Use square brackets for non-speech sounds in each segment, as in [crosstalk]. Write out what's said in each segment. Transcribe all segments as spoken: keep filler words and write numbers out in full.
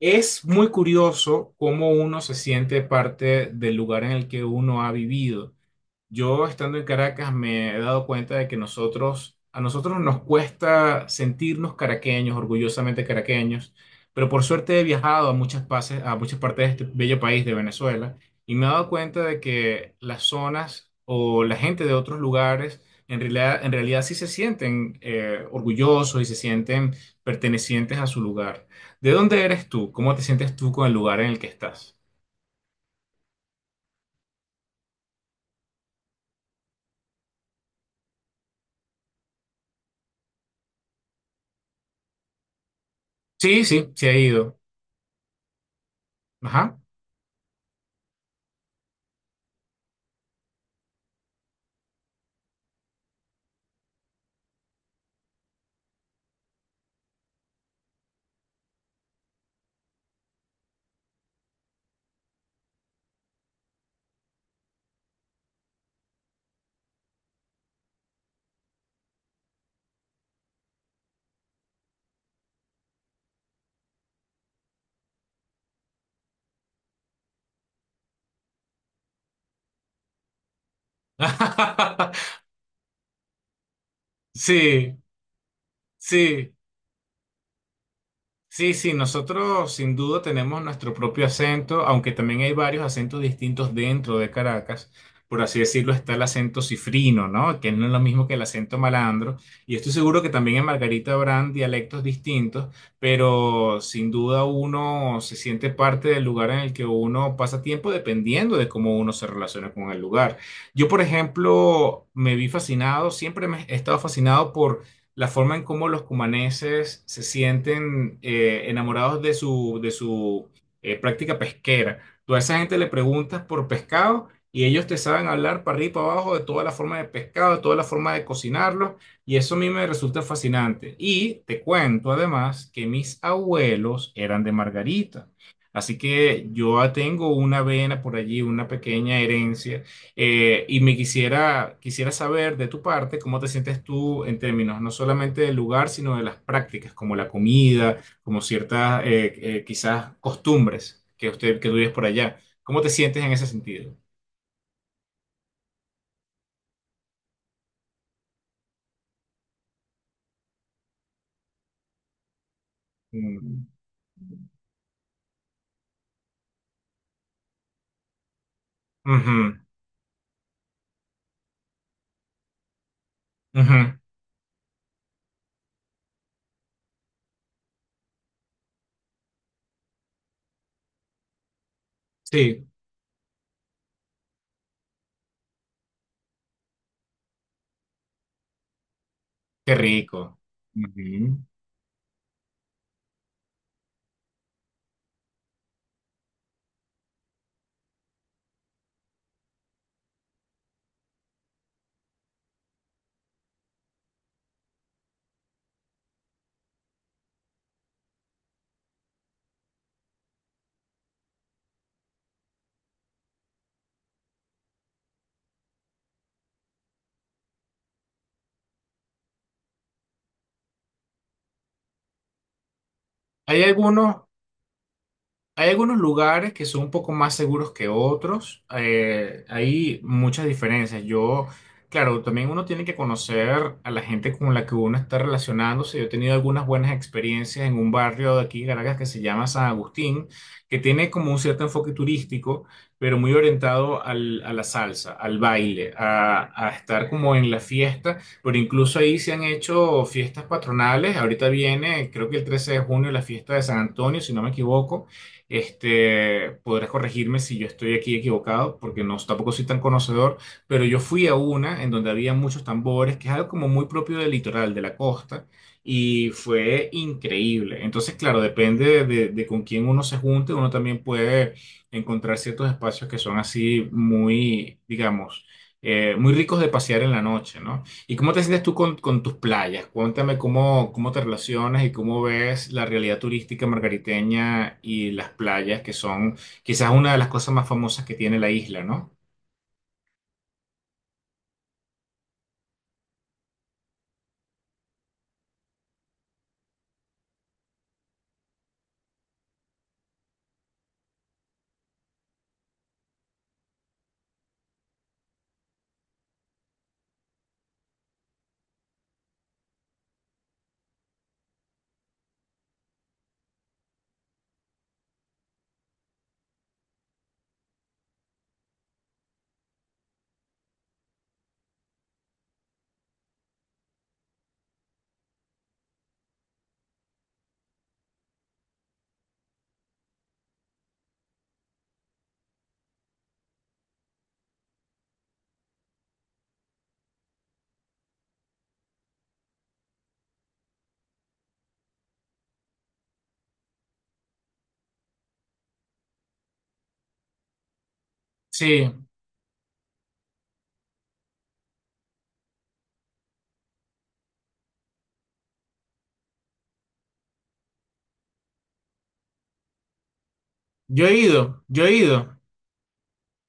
Es muy curioso cómo uno se siente parte del lugar en el que uno ha vivido. Yo estando en Caracas me he dado cuenta de que nosotros, a nosotros nos cuesta sentirnos caraqueños, orgullosamente caraqueños, pero por suerte he viajado a muchas, pases- a muchas partes de este bello país de Venezuela y me he dado cuenta de que las zonas o la gente de otros lugares en realidad, en realidad sí se sienten eh, orgullosos y se sienten pertenecientes a su lugar. ¿De dónde eres tú? ¿Cómo te sientes tú con el lugar en el que estás? Sí, sí, se ha ido. Ajá. [laughs] Sí, sí, sí, sí, nosotros sin duda tenemos nuestro propio acento, aunque también hay varios acentos distintos dentro de Caracas. Por así decirlo, está el acento cifrino, ¿no? Que no es lo mismo que el acento malandro. Y estoy seguro que también en Margarita habrán dialectos distintos, pero sin duda uno se siente parte del lugar en el que uno pasa tiempo dependiendo de cómo uno se relaciona con el lugar. Yo, por ejemplo, me vi fascinado, siempre me he estado fascinado por la forma en cómo los cumaneses se sienten eh, enamorados de su, de su eh, práctica pesquera. Tú a esa gente le preguntas por pescado y ellos te saben hablar para arriba y para abajo de toda la forma de pescado, de toda la forma de cocinarlo, y eso a mí me resulta fascinante. Y te cuento además que mis abuelos eran de Margarita. Así que yo tengo una vena por allí, una pequeña herencia eh, y me quisiera, quisiera saber de tu parte cómo te sientes tú en términos no solamente del lugar, sino de las prácticas, como la comida, como ciertas eh, eh, quizás costumbres que usted que tú vives por allá. ¿Cómo te sientes en ese sentido? Mm. Ujú, ujú. Sí, qué rico. Ujú. Hay algunos, Hay algunos lugares que son un poco más seguros que otros. Eh, hay muchas diferencias. Yo, claro, también uno tiene que conocer a la gente con la que uno está relacionándose. Yo he tenido algunas buenas experiencias en un barrio de aquí, de Caracas, que se llama San Agustín, que tiene como un cierto enfoque turístico, pero muy orientado al- a la salsa, al baile, a, a estar como en la fiesta. Pero incluso ahí se han hecho fiestas patronales. Ahorita viene, creo que el trece de junio, la fiesta de San Antonio, si no me equivoco este, podrás corregirme si yo estoy aquí equivocado, porque no, tampoco soy tan conocedor, pero yo fui a una en donde había muchos tambores, que es algo como muy propio del litoral, de la costa, y fue increíble. Entonces, claro, depende de, de de con quién uno se junte, uno también puede encontrar ciertos espacios que son así muy, digamos, eh, muy ricos de pasear en la noche, ¿no? ¿Y cómo te sientes tú con, con tus playas? Cuéntame cómo, cómo te relacionas y cómo ves la realidad turística margariteña y las playas, que son quizás una de las cosas más famosas que tiene la isla, ¿no? Sí, yo he ido, yo he ido.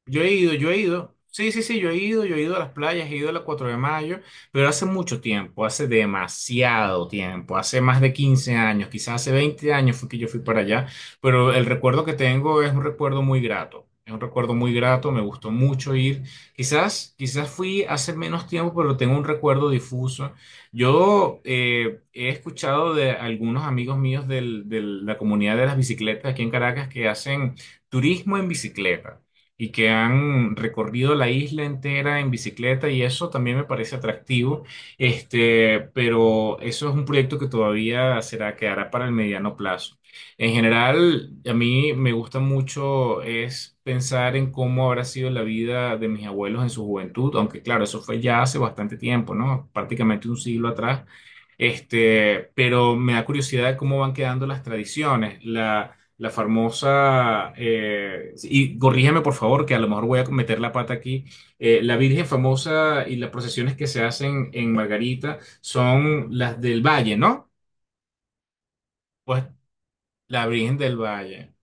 Yo he ido, yo he ido. Sí, sí, sí, yo he ido, yo he ido a las playas, he ido a la cuatro de mayo, pero hace mucho tiempo, hace demasiado tiempo, hace más de quince años, quizás hace veinte años fue que yo fui para allá, pero el recuerdo que tengo es un recuerdo muy grato, es un recuerdo muy grato, me gustó mucho ir. Quizás, quizás fui hace menos tiempo, pero tengo un recuerdo difuso. Yo eh, he escuchado de algunos amigos míos del- de la comunidad de las bicicletas aquí en Caracas que hacen turismo en bicicleta y que han recorrido la isla entera en bicicleta y eso también me parece atractivo, este, pero eso es un proyecto que todavía será, quedará para el mediano plazo. En general, a mí me gusta mucho es pensar en cómo habrá sido la vida de mis abuelos en su juventud, aunque claro, eso fue ya hace bastante tiempo, ¿no? Prácticamente un siglo atrás. Este, pero me da curiosidad de cómo van quedando las tradiciones. La, la famosa, eh, y corrígeme por favor, que a lo mejor voy a meter la pata aquí, eh, la Virgen famosa y las procesiones que se hacen en Margarita son las del Valle, ¿no? Pues la Virgen del Valle.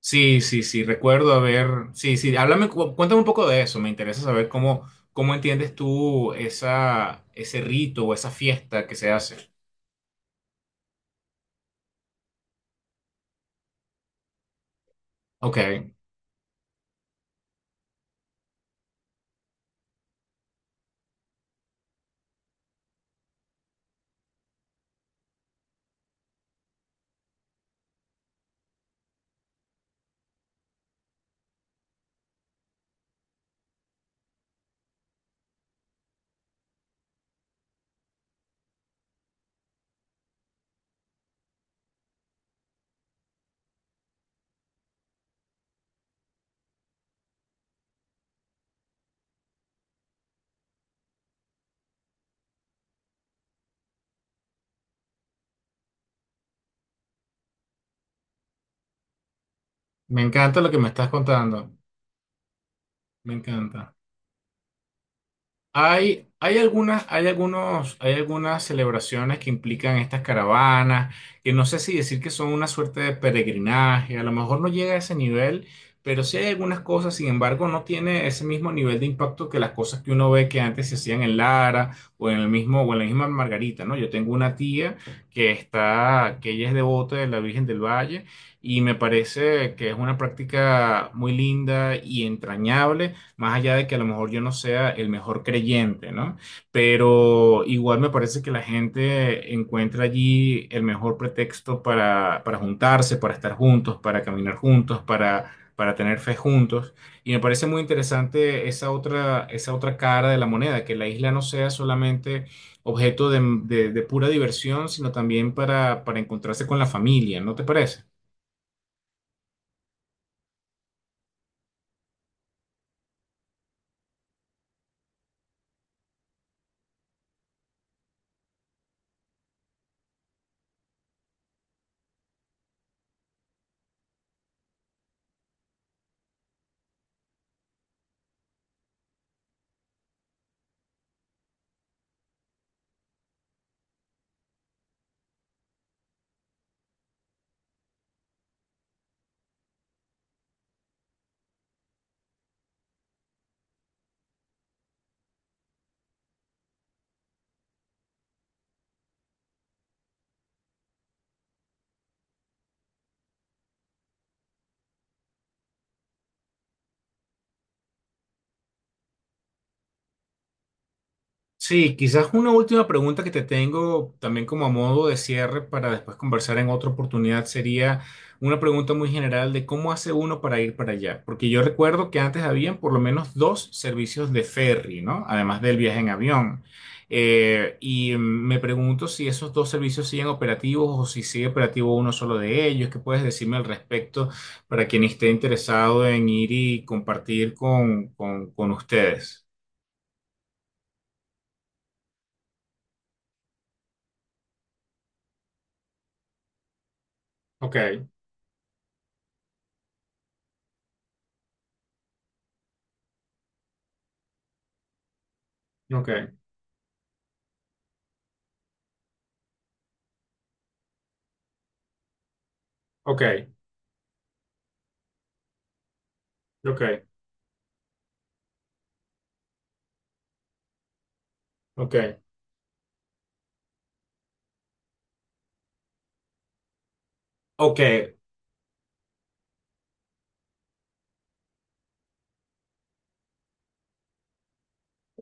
Sí, sí, sí, recuerdo haber, sí, sí, háblame, cu- cuéntame un poco de eso, me interesa saber cómo, cómo entiendes tú esa, ese rito o esa fiesta que se hace. Ok, me encanta lo que me estás contando, me encanta. Hay, hay algunas, hay algunos, hay algunas celebraciones que implican estas caravanas, que no sé si decir que son una suerte de peregrinaje, a lo mejor no llega a ese nivel, pero sí hay algunas cosas, sin embargo, no tiene ese mismo nivel de impacto que las cosas que uno ve que antes se hacían en Lara o en el mismo, o en la misma Margarita, ¿no? Yo tengo una tía que está, que ella es devota de la Virgen del Valle y me parece que es una práctica muy linda y entrañable más allá de que a lo mejor yo no sea el mejor creyente, ¿no? Pero igual me parece que la gente encuentra allí el mejor pretexto para, para juntarse, para estar juntos, para caminar juntos, para, para tener fe juntos. Y me parece muy interesante esa otra, esa otra cara de la moneda, que la isla no sea solamente objeto de, de- de pura diversión, sino también para, para encontrarse con la familia, ¿no te parece? Sí, quizás una última pregunta que te tengo también como a modo de cierre para después conversar en otra oportunidad sería una pregunta muy general de cómo hace uno para ir para allá. Porque yo recuerdo que antes habían por lo menos dos servicios de ferry, ¿no? Además del viaje en avión. Eh, y mm, me pregunto si esos dos servicios siguen operativos o si sigue operativo uno solo de ellos. ¿Qué puedes decirme al respecto para quien esté interesado en ir y compartir con, con, con ustedes? Ok, ok, ok. Ok, ok. Ok,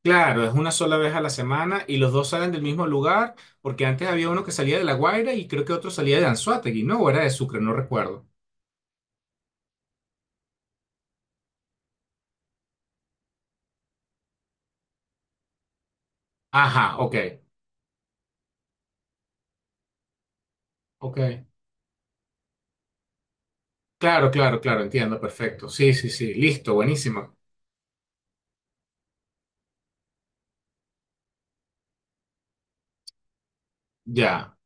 claro, es una sola vez a la semana y los dos salen del mismo lugar, porque antes había uno que salía de La Guaira y creo que otro salía de Anzoátegui, ¿no? O era de Sucre, no recuerdo. Ajá, ok, ok. Claro, claro, claro, entiendo, perfecto. Sí, sí, sí, listo, buenísimo. Ya,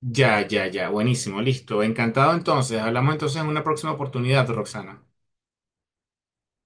ya, ya, ya, buenísimo, listo. Encantado entonces. Hablamos entonces en una próxima oportunidad, Roxana.